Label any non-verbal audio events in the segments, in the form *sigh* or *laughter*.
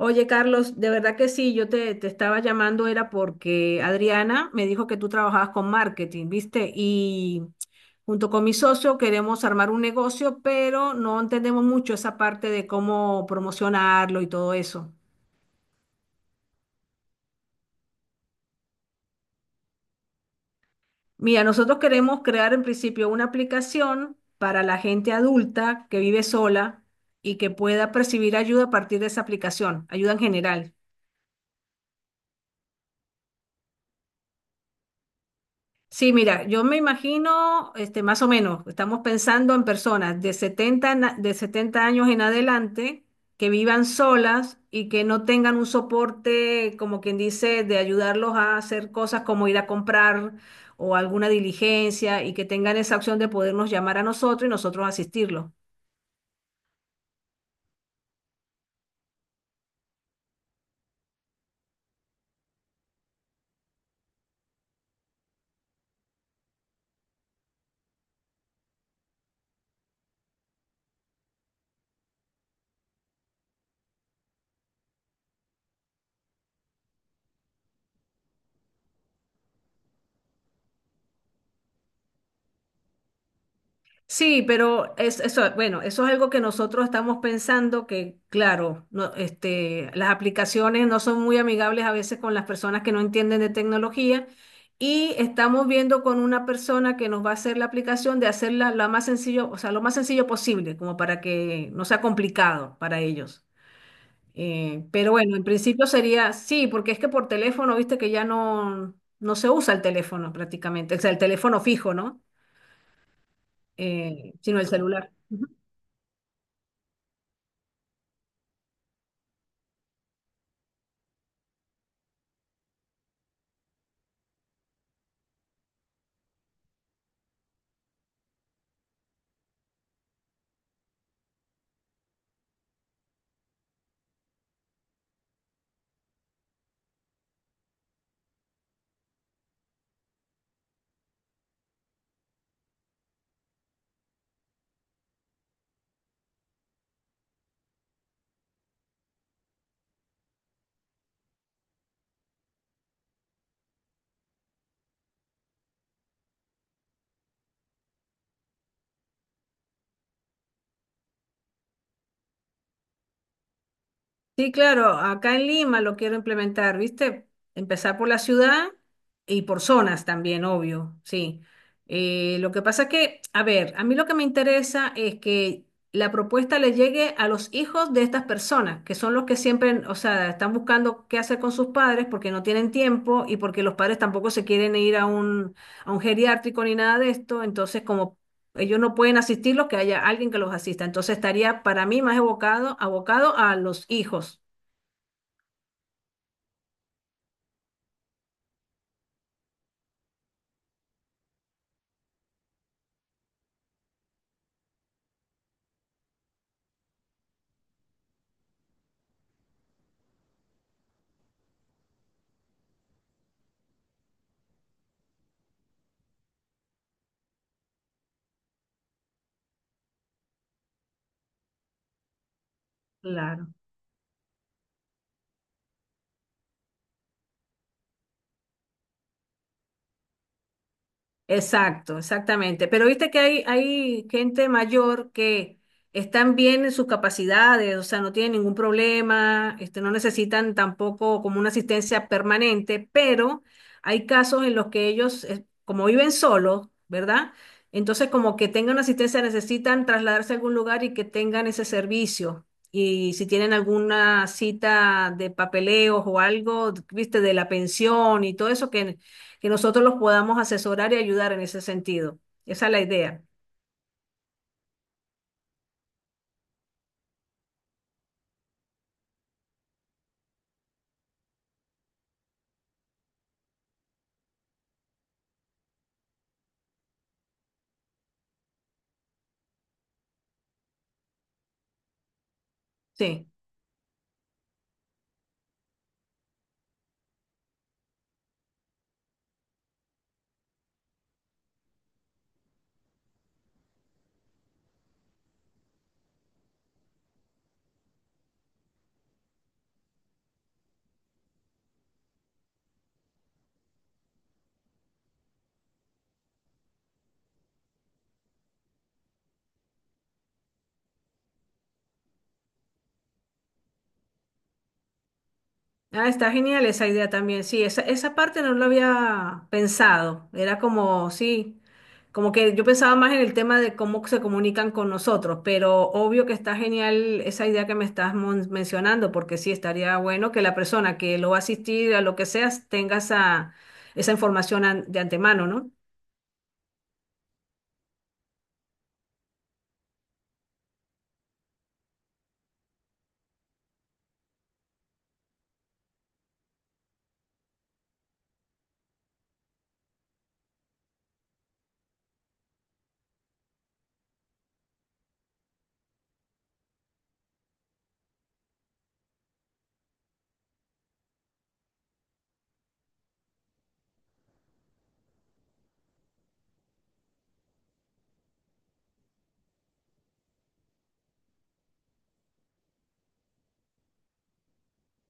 Oye, Carlos, de verdad que sí, yo te estaba llamando, era porque Adriana me dijo que tú trabajabas con marketing, ¿viste? Y junto con mi socio queremos armar un negocio, pero no entendemos mucho esa parte de cómo promocionarlo y todo eso. Mira, nosotros queremos crear en principio una aplicación para la gente adulta que vive sola y que pueda percibir ayuda a partir de esa aplicación, ayuda en general. Sí, mira, yo me imagino, este, más o menos, estamos pensando en personas de de 70 años en adelante que vivan solas y que no tengan un soporte, como quien dice, de ayudarlos a hacer cosas como ir a comprar o alguna diligencia y que tengan esa opción de podernos llamar a nosotros y nosotros asistirlos. Sí, pero es, eso, bueno, eso es algo que nosotros estamos pensando que, claro, no, este, las aplicaciones no son muy amigables a veces con las personas que no entienden de tecnología y estamos viendo con una persona que nos va a hacer la aplicación de hacerla lo más sencillo, o sea, lo más sencillo posible, como para que no sea complicado para ellos. Pero bueno, en principio sería, sí, porque es que por teléfono, viste que ya no se usa el teléfono prácticamente, o sea, el teléfono fijo, ¿no? Sino el celular. Sí, claro, acá en Lima lo quiero implementar, ¿viste? Empezar por la ciudad y por zonas también, obvio, sí. Lo que pasa es que, a ver, a mí lo que me interesa es que la propuesta le llegue a los hijos de estas personas, que son los que siempre, o sea, están buscando qué hacer con sus padres porque no tienen tiempo y porque los padres tampoco se quieren ir a a un geriátrico ni nada de esto, entonces como ellos no pueden asistirlos, que haya alguien que los asista. Entonces estaría para mí más evocado, abocado a los hijos. Claro. Exacto, exactamente. Pero viste que hay gente mayor que están bien en sus capacidades, o sea, no tienen ningún problema, este, no necesitan tampoco como una asistencia permanente, pero hay casos en los que ellos, como viven solos, ¿verdad? Entonces, como que tengan una asistencia, necesitan trasladarse a algún lugar y que tengan ese servicio. Y si tienen alguna cita de papeleos o algo, viste, de la pensión y todo eso que nosotros los podamos asesorar y ayudar en ese sentido. Esa es la idea. Sí. Ah, está genial esa idea también. Sí, esa parte no lo había pensado. Era como, sí, como que yo pensaba más en el tema de cómo se comunican con nosotros, pero obvio que está genial esa idea que me estás mencionando, porque sí, estaría bueno que la persona que lo va a asistir a lo que sea tenga esa información de antemano, ¿no?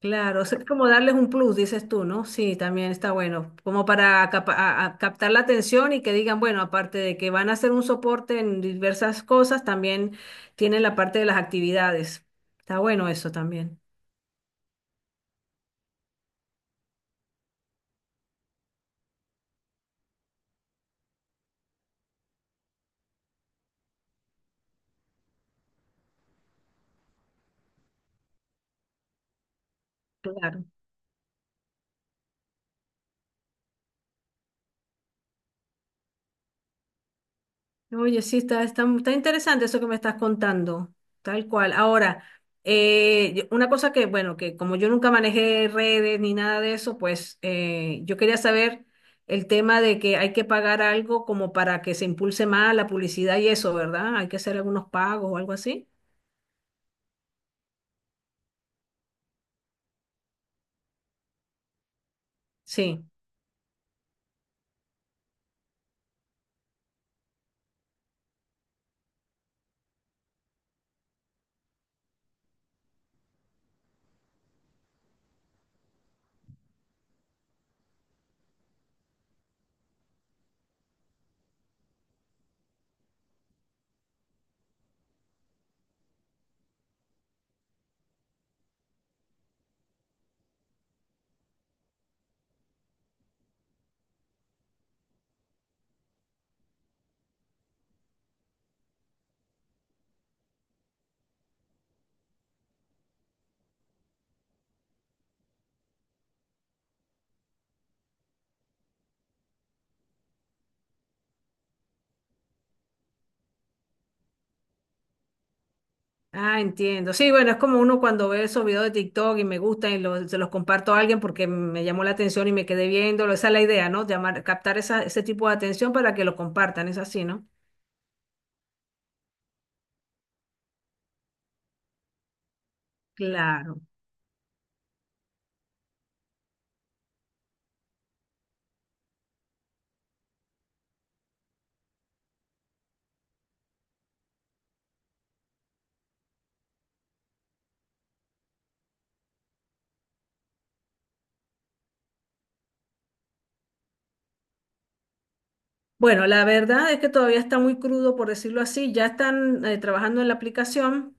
Claro, o sea, es como darles un plus, dices tú, ¿no? Sí, también está bueno, como para a captar la atención y que digan, bueno, aparte de que van a hacer un soporte en diversas cosas, también tienen la parte de las actividades. Está bueno eso también. Claro. Oye, sí, está interesante eso que me estás contando, tal cual. Ahora, una cosa que, bueno, que como yo nunca manejé redes ni nada de eso, pues yo quería saber el tema de que hay que pagar algo como para que se impulse más la publicidad y eso, ¿verdad? Hay que hacer algunos pagos o algo así. Sí. Ah, entiendo. Sí, bueno, es como uno cuando ve esos videos de TikTok y me gustan y se los comparto a alguien porque me llamó la atención y me quedé viéndolo. Esa es la idea, ¿no? Llamar, captar ese tipo de atención para que lo compartan, es así, ¿no? Claro. Bueno, la verdad es que todavía está muy crudo, por decirlo así. Ya están trabajando en la aplicación.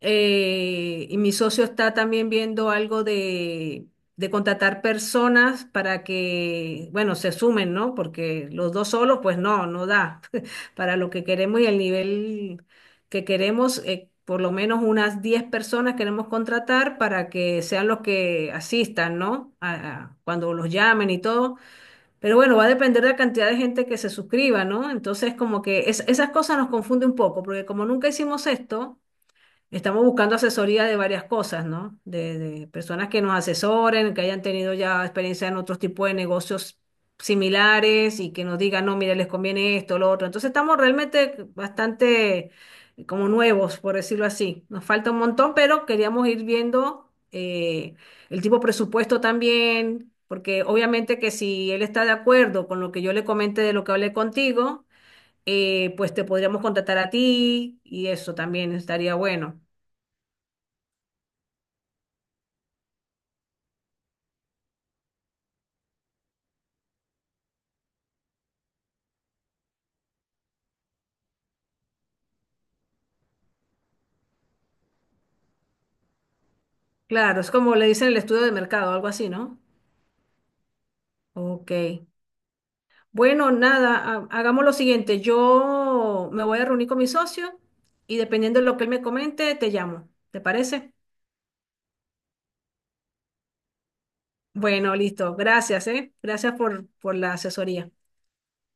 Y mi socio está también viendo algo de contratar personas para que, bueno, se sumen, ¿no? Porque los dos solos, pues no da *laughs* para lo que queremos y el nivel que queremos. Por lo menos unas 10 personas queremos contratar para que sean los que asistan, ¿no? Cuando los llamen y todo. Pero bueno, va a depender de la cantidad de gente que se suscriba, ¿no? Entonces, como que esas cosas nos confunde un poco, porque como nunca hicimos esto, estamos buscando asesoría de varias cosas, ¿no? De personas que nos asesoren, que hayan tenido ya experiencia en otros tipos de negocios similares y que nos digan, no, mira, les conviene esto, lo otro. Entonces estamos realmente bastante como nuevos, por decirlo así. Nos falta un montón, pero queríamos ir viendo el tipo de presupuesto también, porque obviamente que si él está de acuerdo con lo que yo le comenté de lo que hablé contigo, pues te podríamos contratar a ti y eso también estaría bueno. Claro, es como le dicen el estudio de mercado, algo así, ¿no? Ok. Bueno, nada, hagamos lo siguiente. Yo me voy a reunir con mi socio y dependiendo de lo que él me comente, te llamo. ¿Te parece? Bueno, listo. Gracias, ¿eh? Gracias por la asesoría.